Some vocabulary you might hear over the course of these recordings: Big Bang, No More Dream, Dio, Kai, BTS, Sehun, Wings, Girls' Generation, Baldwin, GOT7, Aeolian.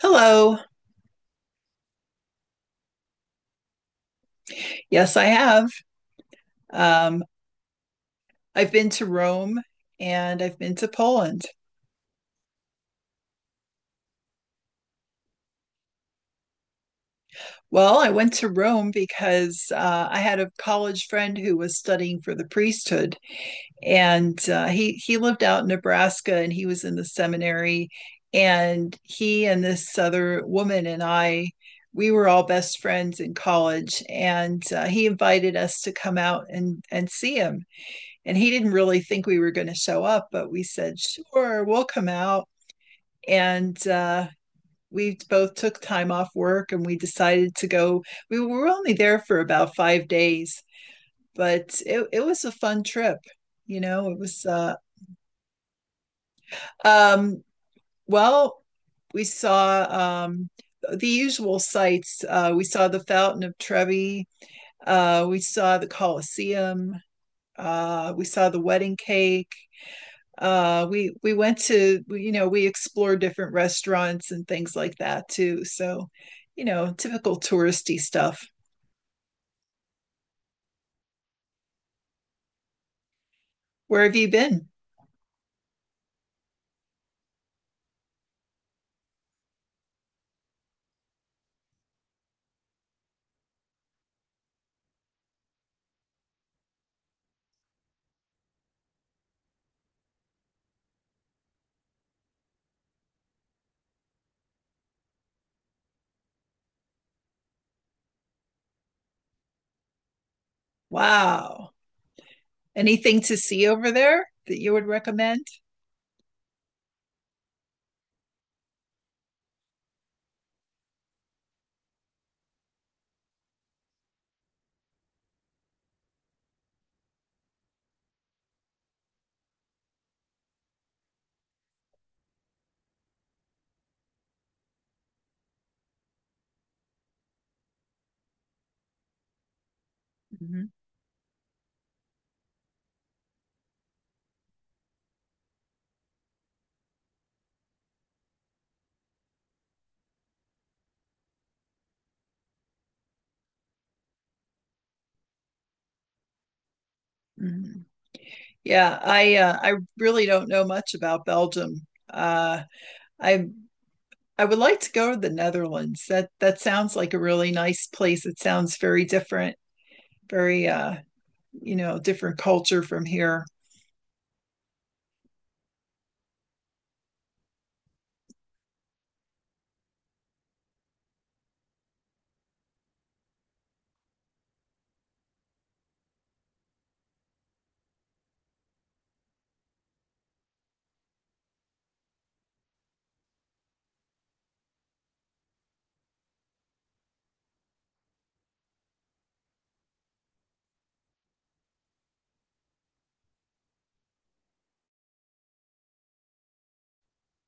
Hello. Yes, I have. Um, I've been to Rome and I've been to Poland. Well, I went to Rome because I had a college friend who was studying for the priesthood, and he lived out in Nebraska and he was in the seminary, and he and this other woman and I. We were all best friends in college, and he invited us to come out and see him. And he didn't really think we were going to show up, but we said, sure, we'll come out. And we both took time off work and we decided to go. We were only there for about 5 days, but it was a fun trip. You know, it was, uh, um, well, we saw the usual sights. We saw the Fountain of Trevi. We saw the Colosseum. We saw the wedding cake. We went to, we explored different restaurants and things like that too. So, typical touristy stuff. Where have you been? Wow. Anything to see over there that you would recommend? Mhm, mhm. Yeah, I I really don't know much about Belgium. I I would like to go to the Netherlands. That sounds like a really nice place. It sounds very different, very you know, different culture from here.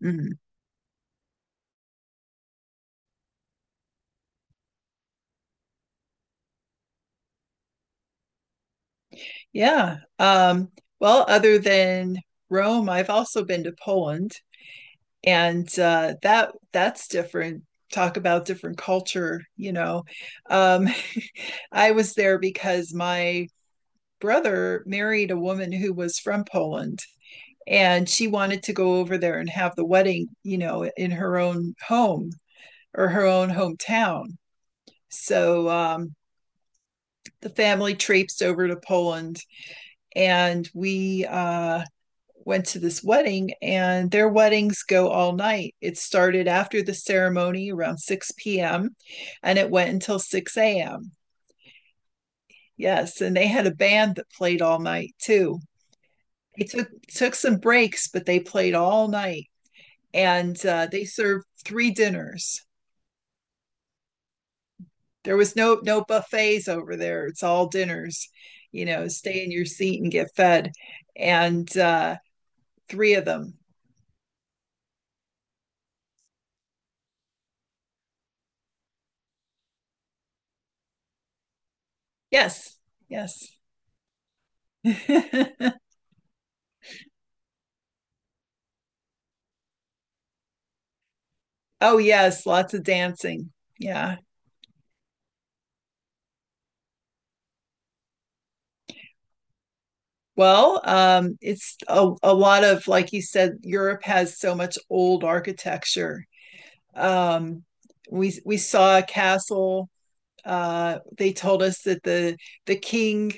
Mhm. Yeah. Well, other than Rome, I've also been to Poland, and that's different. Talk about different culture, you know. Um, I was there because my brother married a woman who was from Poland and she wanted to go over there and have the wedding, you know, in her own home or her own hometown. So the family traipsed over to Poland and we went to this wedding, and their weddings go all night. It started after the ceremony around 6 p.m. and it went until 6 a.m. Yes, and they had a band that played all night too. They took some breaks, but they played all night, and they served three dinners. There was no buffets over there. It's all dinners. You know, stay in your seat and get fed. And three of them. Yes, yes. Oh yes, lots of dancing. Yeah. Well, it's a lot of, like you said, Europe has so much old architecture. Um, we saw a castle. They told us that the king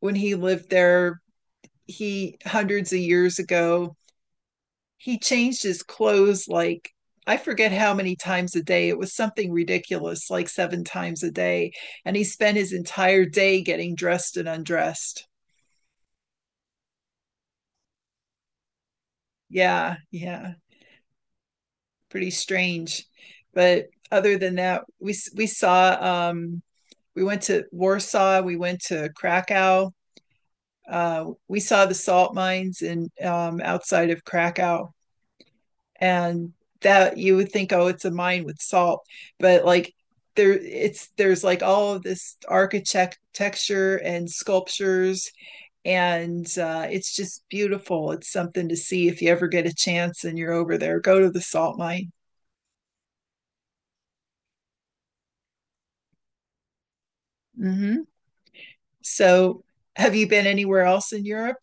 when he lived there, he hundreds of years ago, he changed his clothes like, I forget how many times a day. It was something ridiculous, like seven times a day. And he spent his entire day getting dressed and undressed. Yeah, yeah, pretty strange. But other than that, we saw we went to Warsaw, we went to Krakow, we saw the salt mines in outside of Krakow, and that, you would think, oh, it's a mine with salt, but like there, it's there's like all of this architecture and sculptures, and it's just beautiful. It's something to see if you ever get a chance and you're over there. Go to the salt mine. Mm-hmm. So, have you been anywhere else in Europe?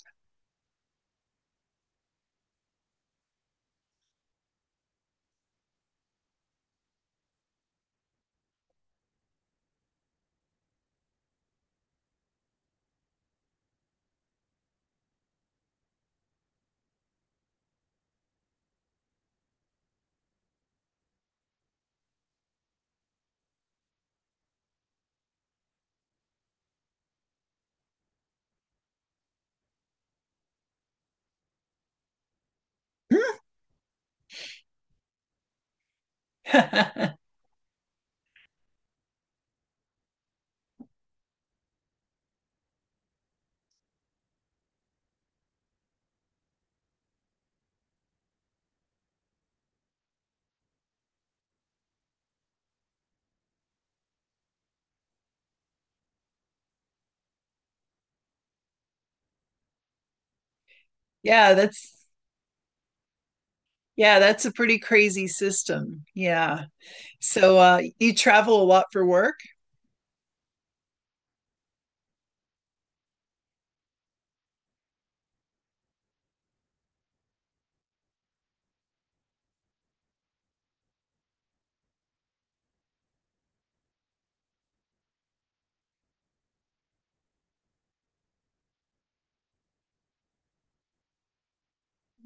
Yeah, that's, yeah, that's a pretty crazy system. Yeah. So you travel a lot for work?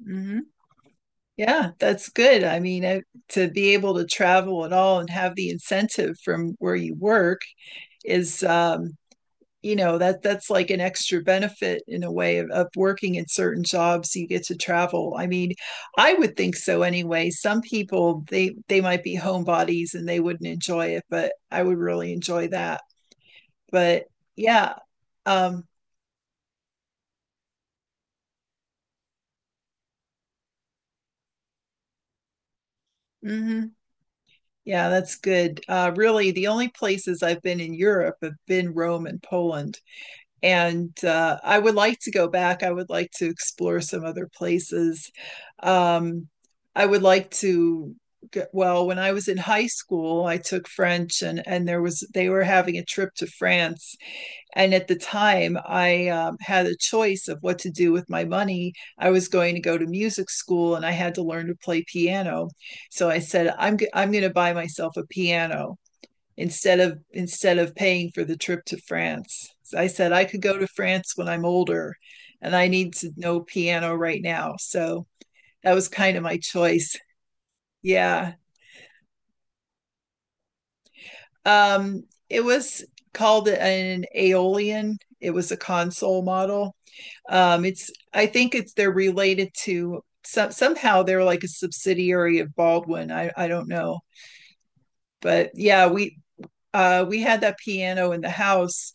Hmm. Yeah, that's good. I mean, to be able to travel at all and have the incentive from where you work is, you know, that's like an extra benefit in a way of working in certain jobs. You get to travel. I mean, I would think so anyway. Some people, they might be homebodies and they wouldn't enjoy it, but I would really enjoy that. But yeah, um, mm-hmm. Yeah, that's good. Really, the only places I've been in Europe have been Rome and Poland. And I would like to go back. I would like to explore some other places. Um, I would like to get, well, when I was in high school, I took French and there was, they were having a trip to France and at the time, I had a choice of what to do with my money. I was going to go to music school and I had to learn to play piano. So I said, I'm, I'm going to buy myself a piano instead of paying for the trip to France. So I said I could go to France when I'm older and I need to know piano right now. So that was kind of my choice. Yeah. It was called an Aeolian. It was a console model. It's I think it's they're related to some, somehow they're like a subsidiary of Baldwin. I don't know, but yeah, we had that piano in the house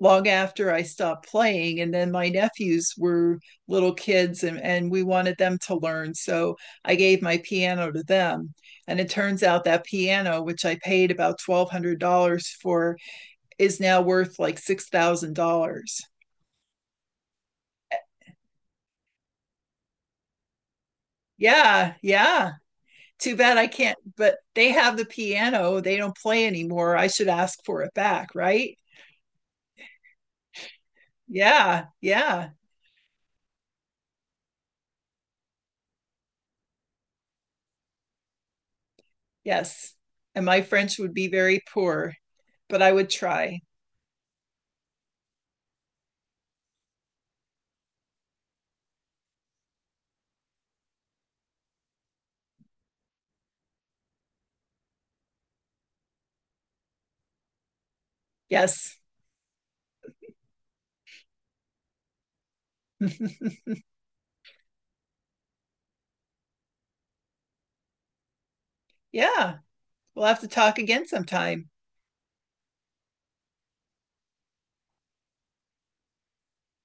long after I stopped playing. And then my nephews were little kids and we wanted them to learn. So I gave my piano to them. And it turns out that piano, which I paid about $1,200 for, is now worth like $6,000. Yeah, yeah. Too bad I can't, but they have the piano. They don't play anymore. I should ask for it back, right? Yeah, yeah, yes. And my French would be very poor, but I would try. Yes. Yeah. We'll have to talk again sometime.